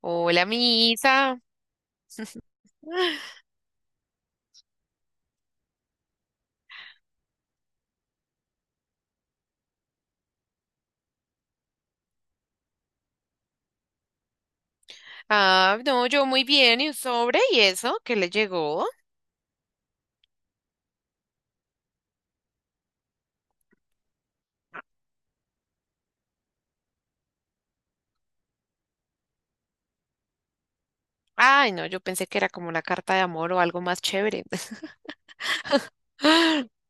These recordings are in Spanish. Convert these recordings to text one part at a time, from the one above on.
Hola, misa. Ah, no, yo muy bien. ¿Y un sobre? ¿Y eso? ¿Qué le llegó? Ay, no, yo pensé que era como una carta de amor o algo más chévere.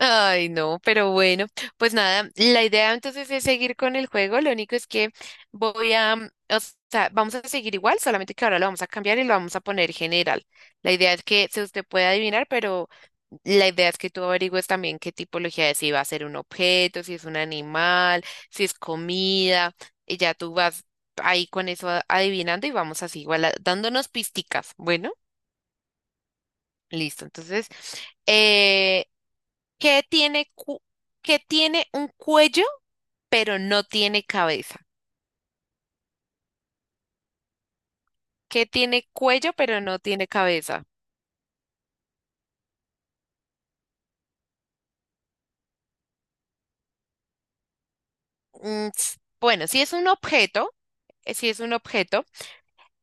Ay, no, pero bueno, pues nada, la idea entonces es seguir con el juego. Lo único es que voy a, o sea, vamos a seguir igual, solamente que ahora lo vamos a cambiar y lo vamos a poner general. La idea es que si usted puede adivinar, pero la idea es que tú averigües también qué tipología es, si va a ser un objeto, si es un animal, si es comida, y ya tú vas ahí con eso adivinando y vamos así, igual dándonos pisticas. Bueno, listo. Entonces, eh, ¿qué tiene, qué tiene un cuello pero no tiene cabeza? ¿Qué tiene cuello pero no tiene cabeza? Mm, bueno, si es un objeto, si es un objeto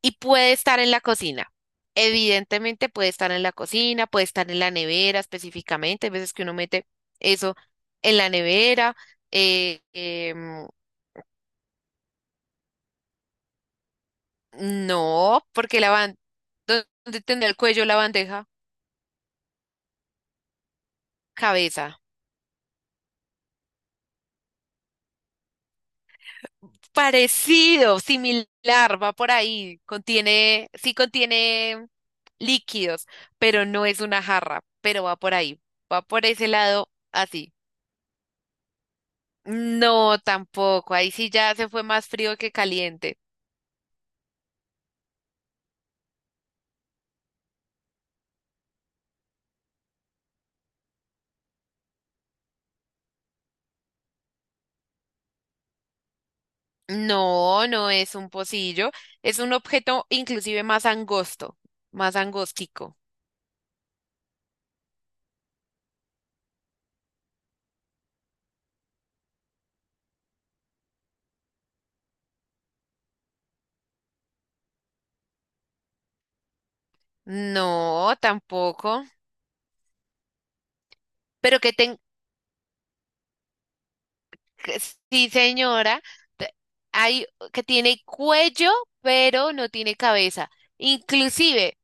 y puede estar en la cocina. Evidentemente puede estar en la cocina, puede estar en la nevera específicamente. Hay veces que uno mete eso en la nevera. eh, em, no, porque la ¿dónde tendría el cuello la bandeja? Cabeza. Parecido, similar, va por ahí. Contiene, sí contiene líquidos, pero no es una jarra, pero va por ahí. Va por ese lado así. No, tampoco. Ahí sí ya se fue más frío que caliente. No, no es un pocillo. Es un objeto inclusive más angosto, más angostico. No, tampoco. Pero que ten... que sí, señora. te- Hay que tiene cuello, pero no tiene cabeza. Inclusive,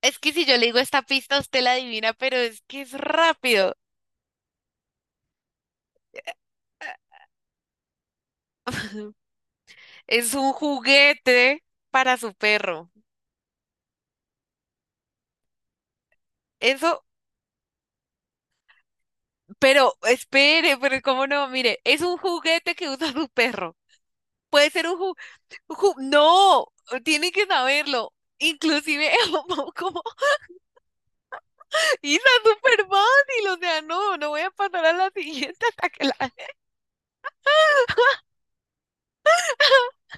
es que si yo le digo esta pista, usted la adivina, pero es que es rápido. Es un juguete para su perro. Eso. Pero espere, pero cómo no, mire, es un juguete que usa su perro. Puede ser un ju, un no, tiene que saberlo. Inclusive como, como Isa súper fácil, o sea, no, no voy a pasar a la siguiente hasta que la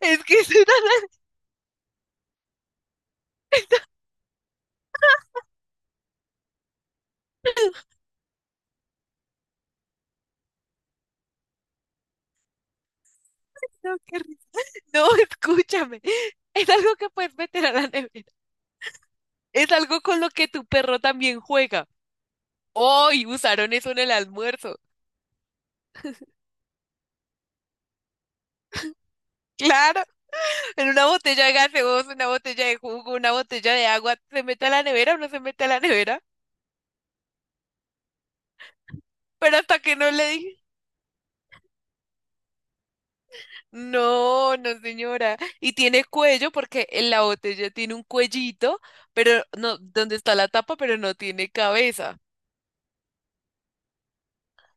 es que es una. No, qué risa. No, escúchame. Es algo que puedes meter a la nevera. Es algo con lo que tu perro también juega. Hoy usaron eso en el almuerzo. Claro, en una botella de gaseosa, una botella de jugo, una botella de agua, ¿se mete a la nevera o no se mete a la nevera? Pero hasta que no le dije, no, no señora. Y tiene cuello porque en la botella tiene un cuellito, pero no, donde está la tapa, pero no tiene cabeza.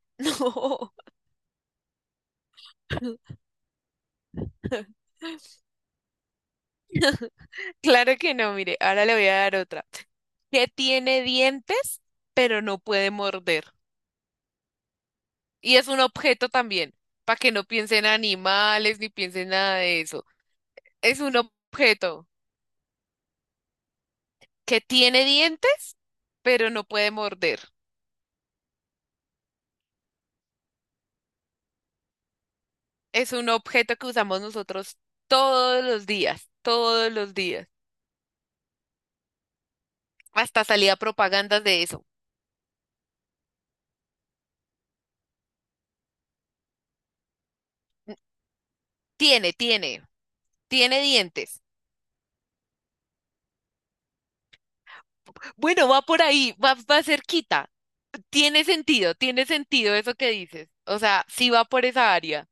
No, claro que no, mire, ahora le voy a dar otra. Que tiene dientes, pero no puede morder. Y es un objeto también, para que no piensen en animales ni piensen nada de eso. Es un objeto que tiene dientes, pero no puede morder. Es un objeto que usamos nosotros todos los días, todos los días. Hasta salía propagandas de eso. Tiene, tiene, tiene dientes. Bueno, va por ahí, va cerquita. Tiene sentido eso que dices. O sea, sí va por esa área.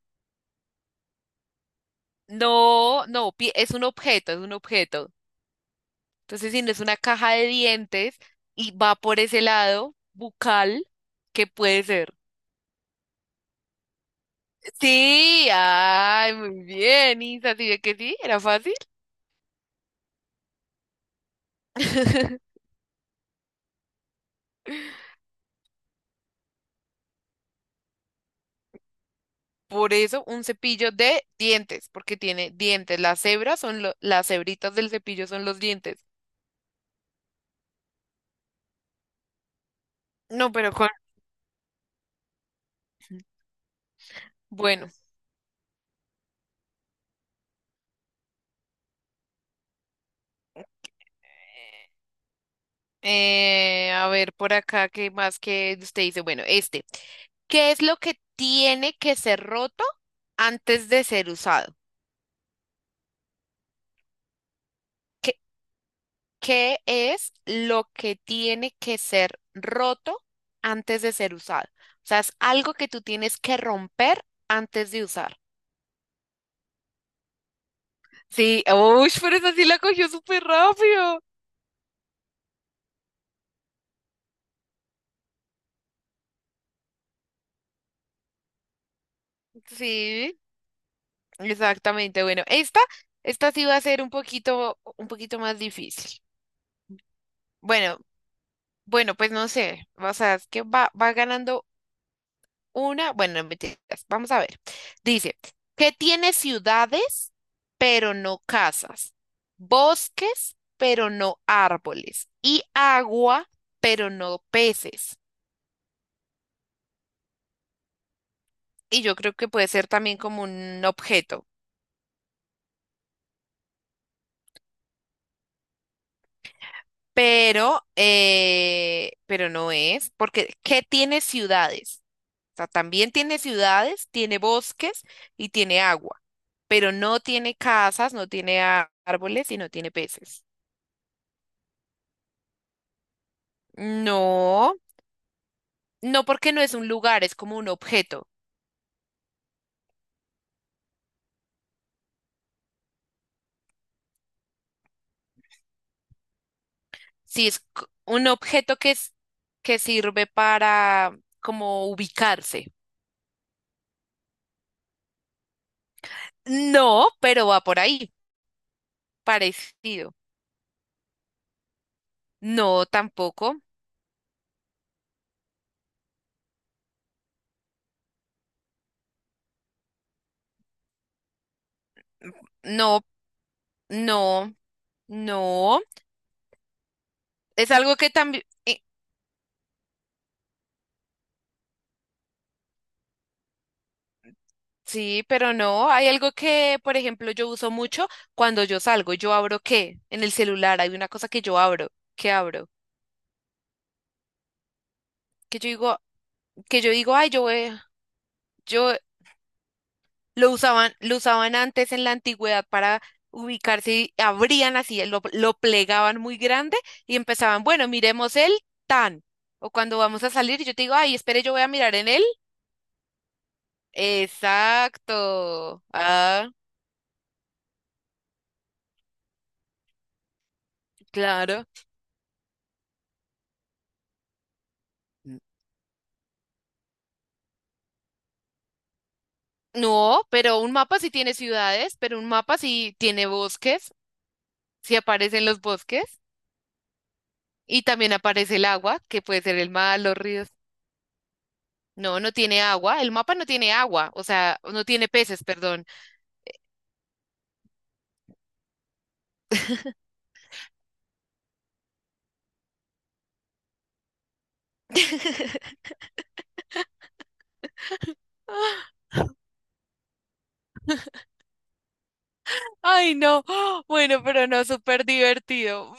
No, no, es un objeto, es un objeto. Entonces, si no es una caja de dientes y va por ese lado bucal, ¿qué puede ser? Sí, ay, muy bien, Isa, ¿sí ve que sí? Era fácil. Por eso, un cepillo de dientes, porque tiene dientes. Las hebras son las hebritas del cepillo son los dientes. No, pero con, bueno, a ver por acá, ¿qué más que usted dice? Bueno, este, ¿qué es lo que tiene que ser roto antes de ser usado? ¿Qué es lo que tiene que ser roto antes de ser usado? O sea, es algo que tú tienes que romper antes de usar. Sí, uy, pero esa sí la cogió súper rápido. Sí, exactamente. Bueno, esta sí va a ser un poquito más difícil. Bueno, bueno, pues no sé. O sea, es que va, va ganando una, bueno, no mentiras, vamos a ver. Dice, que tiene ciudades, pero no casas, bosques, pero no árboles, y agua, pero no peces. Y yo creo que puede ser también como un objeto, pero no es, porque ¿qué tiene ciudades? O sea, también tiene ciudades, tiene bosques y tiene agua, pero no tiene casas, no tiene árboles y no tiene peces. No. No porque no es un lugar, es como un objeto. Sí, es un objeto que es, que sirve para como ubicarse. No, pero va por ahí, parecido. No, tampoco. No, no, no. Es algo que también, sí, pero no. Hay algo que, por ejemplo, yo uso mucho cuando yo salgo. ¿Yo abro qué? En el celular hay una cosa que yo abro. ¿Qué abro? Que yo digo, que yo digo, ay, yo voy. Yo lo usaban, lo usaban antes en la antigüedad para ubicarse y abrían así, lo plegaban muy grande y empezaban, bueno, miremos el tan. O cuando vamos a salir, yo te digo, ay, espere, yo voy a mirar en él. Exacto. Ah, claro. No, pero un mapa sí tiene ciudades, pero un mapa sí tiene bosques, sí aparecen los bosques y también aparece el agua, que puede ser el mar, los ríos. No, no tiene agua, el mapa no tiene agua, o sea, no tiene peces, perdón. Ay, no. Bueno, pero no, súper divertido.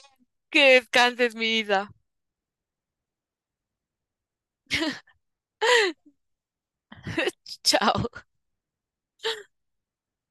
Que descanses, mi Isa. Chao.